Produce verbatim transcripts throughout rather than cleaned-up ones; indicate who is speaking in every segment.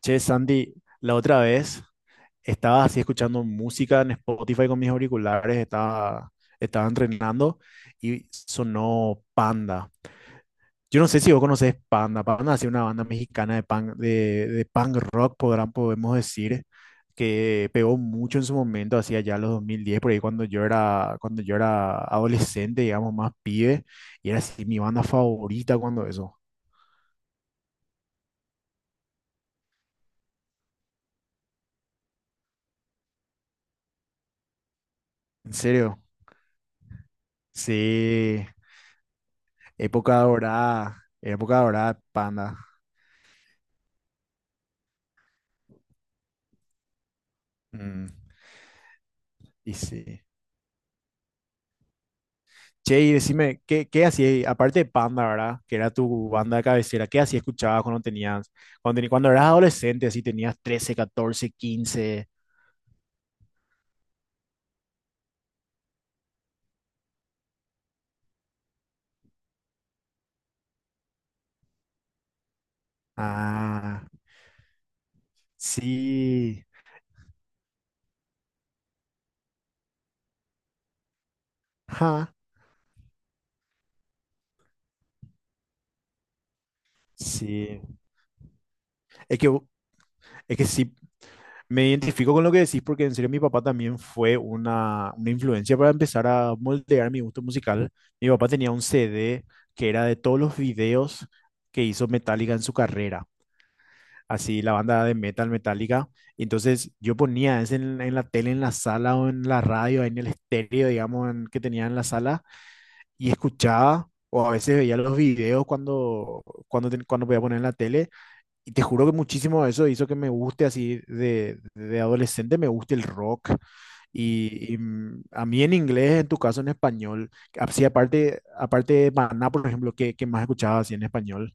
Speaker 1: Che, Sandy, la otra vez estaba así escuchando música en Spotify con mis auriculares, estaba, estaba entrenando y sonó Panda. Yo no sé si vos conocés Panda. Panda es una banda mexicana de punk, de, de punk rock, podrán, podemos decir, que pegó mucho en su momento, hacia allá los dos mil diez por ahí cuando yo era, cuando yo era adolescente, digamos, más pibe, y era así mi banda favorita cuando eso. ¿En serio? Sí. Época dorada, época dorada, Panda. Mm, y sí. Che, y decime, ¿qué, ¿qué hacías, aparte de Panda, ¿verdad? Que era tu banda de cabecera, ¿qué así escuchabas cuando tenías, cuando, teni- cuando eras adolescente, así tenías trece catorce quince. Ah, sí. Ja, sí. Es que, es que sí, me identifico con lo que decís porque en serio mi papá también fue una, una influencia para empezar a moldear mi gusto musical. Mi papá tenía un C D que era de todos los videos que hizo Metallica en su carrera, así la banda de metal Metallica. Entonces yo ponía ese en, en la tele, en la sala o en la radio, en el estéreo, digamos, en- que tenía en la sala y escuchaba o a veces veía los videos cuando, cuando, ten- cuando podía poner en la tele y te juro que muchísimo eso hizo que me guste así de, de adolescente, me guste el rock. Y, y, mm, a mí en inglés, en tu caso en español, así aparte, aparte de Maná, por ejemplo, ¿qué, ¿qué más escuchabas así en español?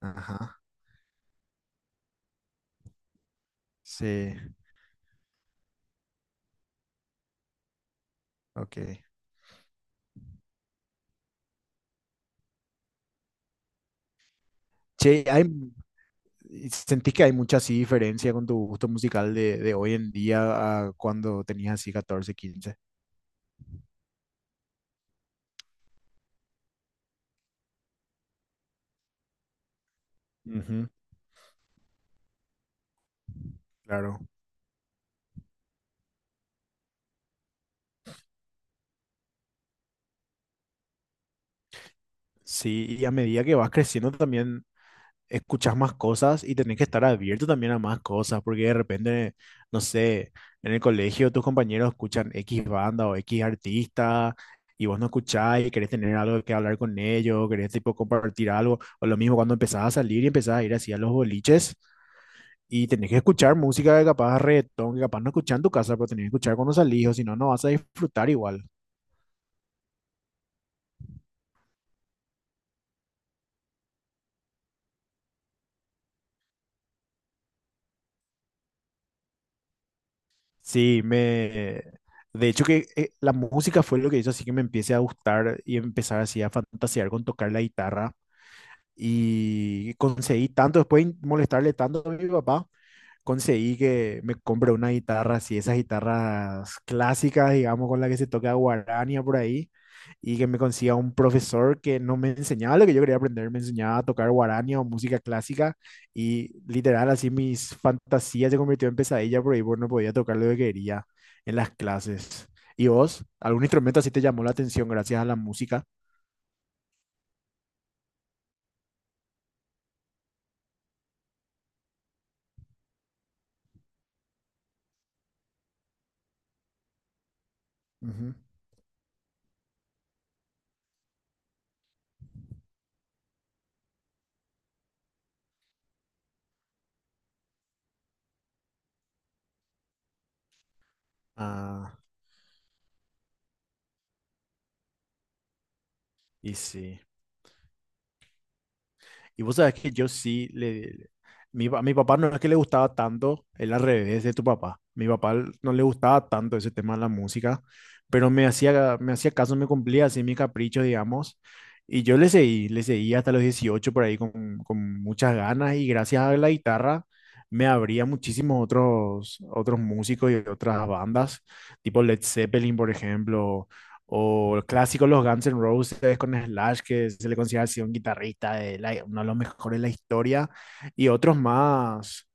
Speaker 1: Ajá, sí, ok. Che, hay, ¿sentís que hay mucha así diferencia con tu gusto musical de, de hoy en día a cuando tenías así catorce quince? Ujú, claro. Sí, y a medida que vas creciendo también escuchas más cosas y tenés que estar abierto también a más cosas, porque de repente, no sé, en el colegio tus compañeros escuchan X banda o X artista y vos no escuchás y querés tener algo que hablar con ellos, querés tipo compartir algo, o lo mismo cuando empezás a salir y empezás a ir así a los boliches y tenés que escuchar música que capaz reggaetón, que capaz no escuchás en tu casa, pero tenés que escuchar cuando salís o si no, no vas a disfrutar igual. Sí, me... De hecho que eh, la música fue lo que hizo así que me empiece a gustar y empezar así a fantasear con tocar la guitarra. Y conseguí tanto, después de molestarle tanto a mi papá, conseguí que me compré una guitarra así, esas guitarras clásicas, digamos, con la que se toca guarania por ahí, y que me consiga un profesor que no me enseñaba lo que yo quería aprender, me enseñaba a tocar guarania o música clásica, y literal así mis fantasías se convirtió en pesadilla por ahí, porque no podía tocar lo que quería en las clases. ¿Y vos? ¿Algún instrumento así te llamó la atención gracias a la música? Ujú. Ah, y sí. Y vos sabés que yo sí le... Mi, pa- mi papá no es que le gustaba tanto, él al revés de tu papá. Mi papá l- no le gustaba tanto ese tema de la música, pero me hacía, me hacía caso, me cumplía así mi capricho, digamos. Y yo le seguí, le seguí hasta los dieciocho por ahí con, con muchas ganas y gracias a la guitarra me abría muchísimos otros, otros músicos y otras bandas, tipo Led Zeppelin, por ejemplo, o el clásico Los Guns N' Roses con Slash, que se le considera así un guitarrista, de la- uno de los mejores de la historia. Y otros más,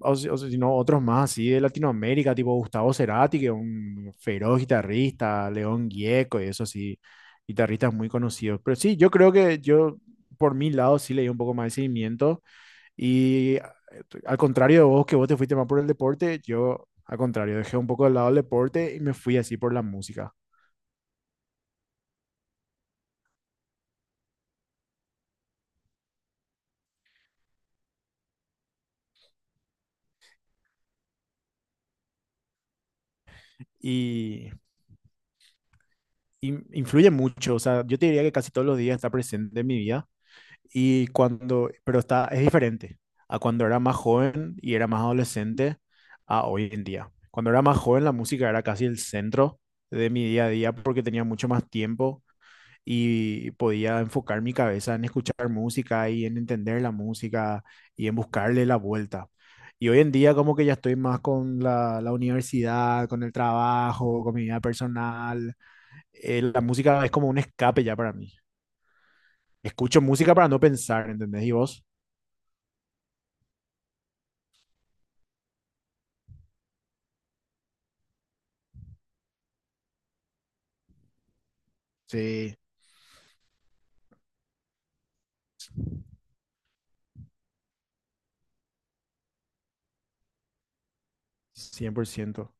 Speaker 1: o, si o si no, otros más así de Latinoamérica, tipo Gustavo Cerati, que es un feroz guitarrista, León Gieco y eso sí, guitarristas muy conocidos. Pero sí, yo creo que yo, por mi lado, sí leí un poco más de seguimiento. Y eh, al contrario de vos, que vos te fuiste más por el deporte, yo, al contrario, dejé un poco de lado el deporte y me fui así por la música. Y in- influye mucho, o sea, yo te diría que casi todos los días está presente en mi vida y cuando, pero está, es diferente a cuando era más joven y era más adolescente a hoy en día. Cuando era más joven la música era casi el centro de mi día a día porque tenía mucho más tiempo y podía enfocar mi cabeza en escuchar música y en entender la música y en buscarle la vuelta. Y hoy en día como que ya estoy más con la, la universidad, con el trabajo, con mi vida personal. eh, la música es como un escape ya para mí. Escucho música para no pensar, ¿entendés? ¿Y vos? Sí. Cien por ciento.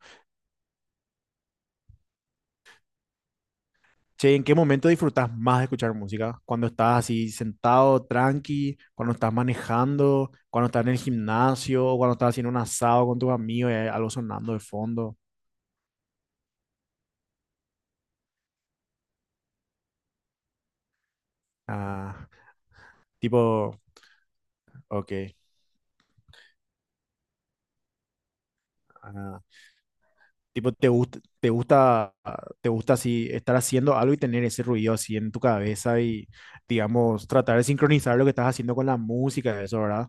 Speaker 1: Che, ¿en qué momento disfrutás más de escuchar música? ¿Cuando estás así sentado, tranqui? ¿Cuando estás manejando? ¿Cuando estás en el gimnasio? ¿Cuando estás haciendo un asado con tus amigos y hay algo sonando de fondo? Ah, tipo, ok. Ah, tipo, te gusta, te gusta, te gusta así estar haciendo algo y tener ese ruido así en tu cabeza y, digamos, tratar de sincronizar lo que estás haciendo con la música, eso, ¿verdad?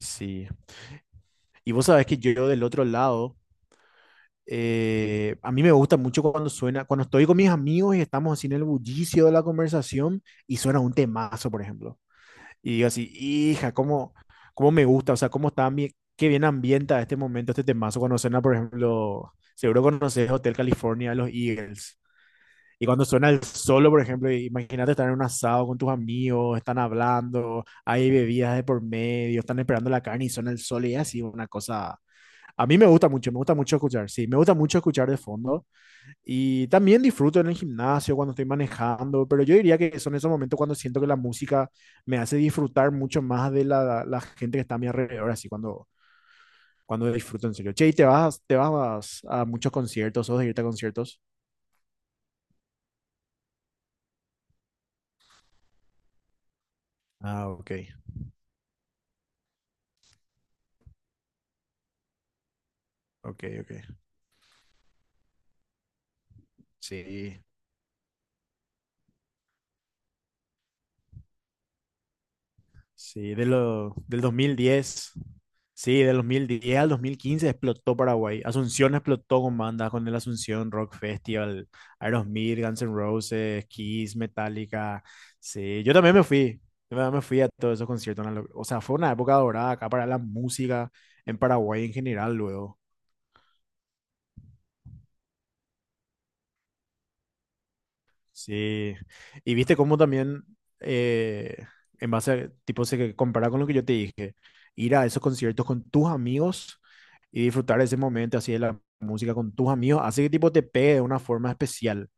Speaker 1: Sí. Y vos sabés que yo del otro lado, eh, a mí me gusta mucho cuando suena, cuando estoy con mis amigos y estamos así en el bullicio de la conversación y suena un temazo, por ejemplo. Y digo así, hija, cómo, cómo me gusta, o sea, cómo está bien, qué bien ambienta este momento, este temazo cuando suena, por ejemplo, seguro conoces Hotel California de los Eagles. Y cuando suena el solo, por ejemplo, imagínate estar en un asado con tus amigos, están hablando, hay bebidas de por medio, están esperando la carne y suena el solo y es así, una cosa... A mí me gusta mucho, me gusta mucho escuchar, sí, me gusta mucho escuchar de fondo y también disfruto en el gimnasio cuando estoy manejando, pero yo diría que son esos momentos cuando siento que la música me hace disfrutar mucho más de la, la gente que está a mi alrededor, así cuando, cuando disfruto en serio. Che, ¿y te vas, te vas a muchos conciertos o de irte a conciertos? Ah, ok, ok, ok. Sí, sí, de lo, del dos mil diez. Sí, del dos mil diez al dos mil quince explotó Paraguay. Asunción explotó con bandas, con el Asunción Rock Festival, Aerosmith, Guns N' Roses, Kiss, Metallica. Sí, yo también me fui. Yo también me fui a todos esos conciertos. una lo- O sea, fue una época dorada acá para la música en Paraguay en general, luego. Sí, y viste cómo también, eh, en base a, tipo, se que compara con lo que yo te dije, ir a esos conciertos con tus amigos y disfrutar de ese momento así de la música con tus amigos, hace que tipo te pegue de una forma especial.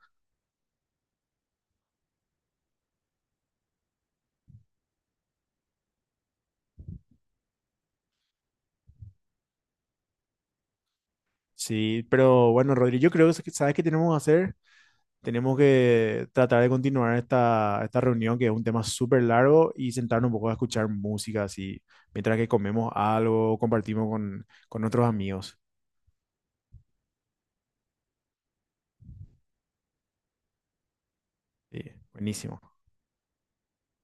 Speaker 1: Sí, pero bueno, Rodri, yo creo que sabes qué tenemos que hacer. Tenemos que tratar de continuar esta, esta reunión, que es un tema súper largo, y sentarnos un poco a escuchar música así, mientras que comemos algo, compartimos con, con otros amigos. Sí, buenísimo.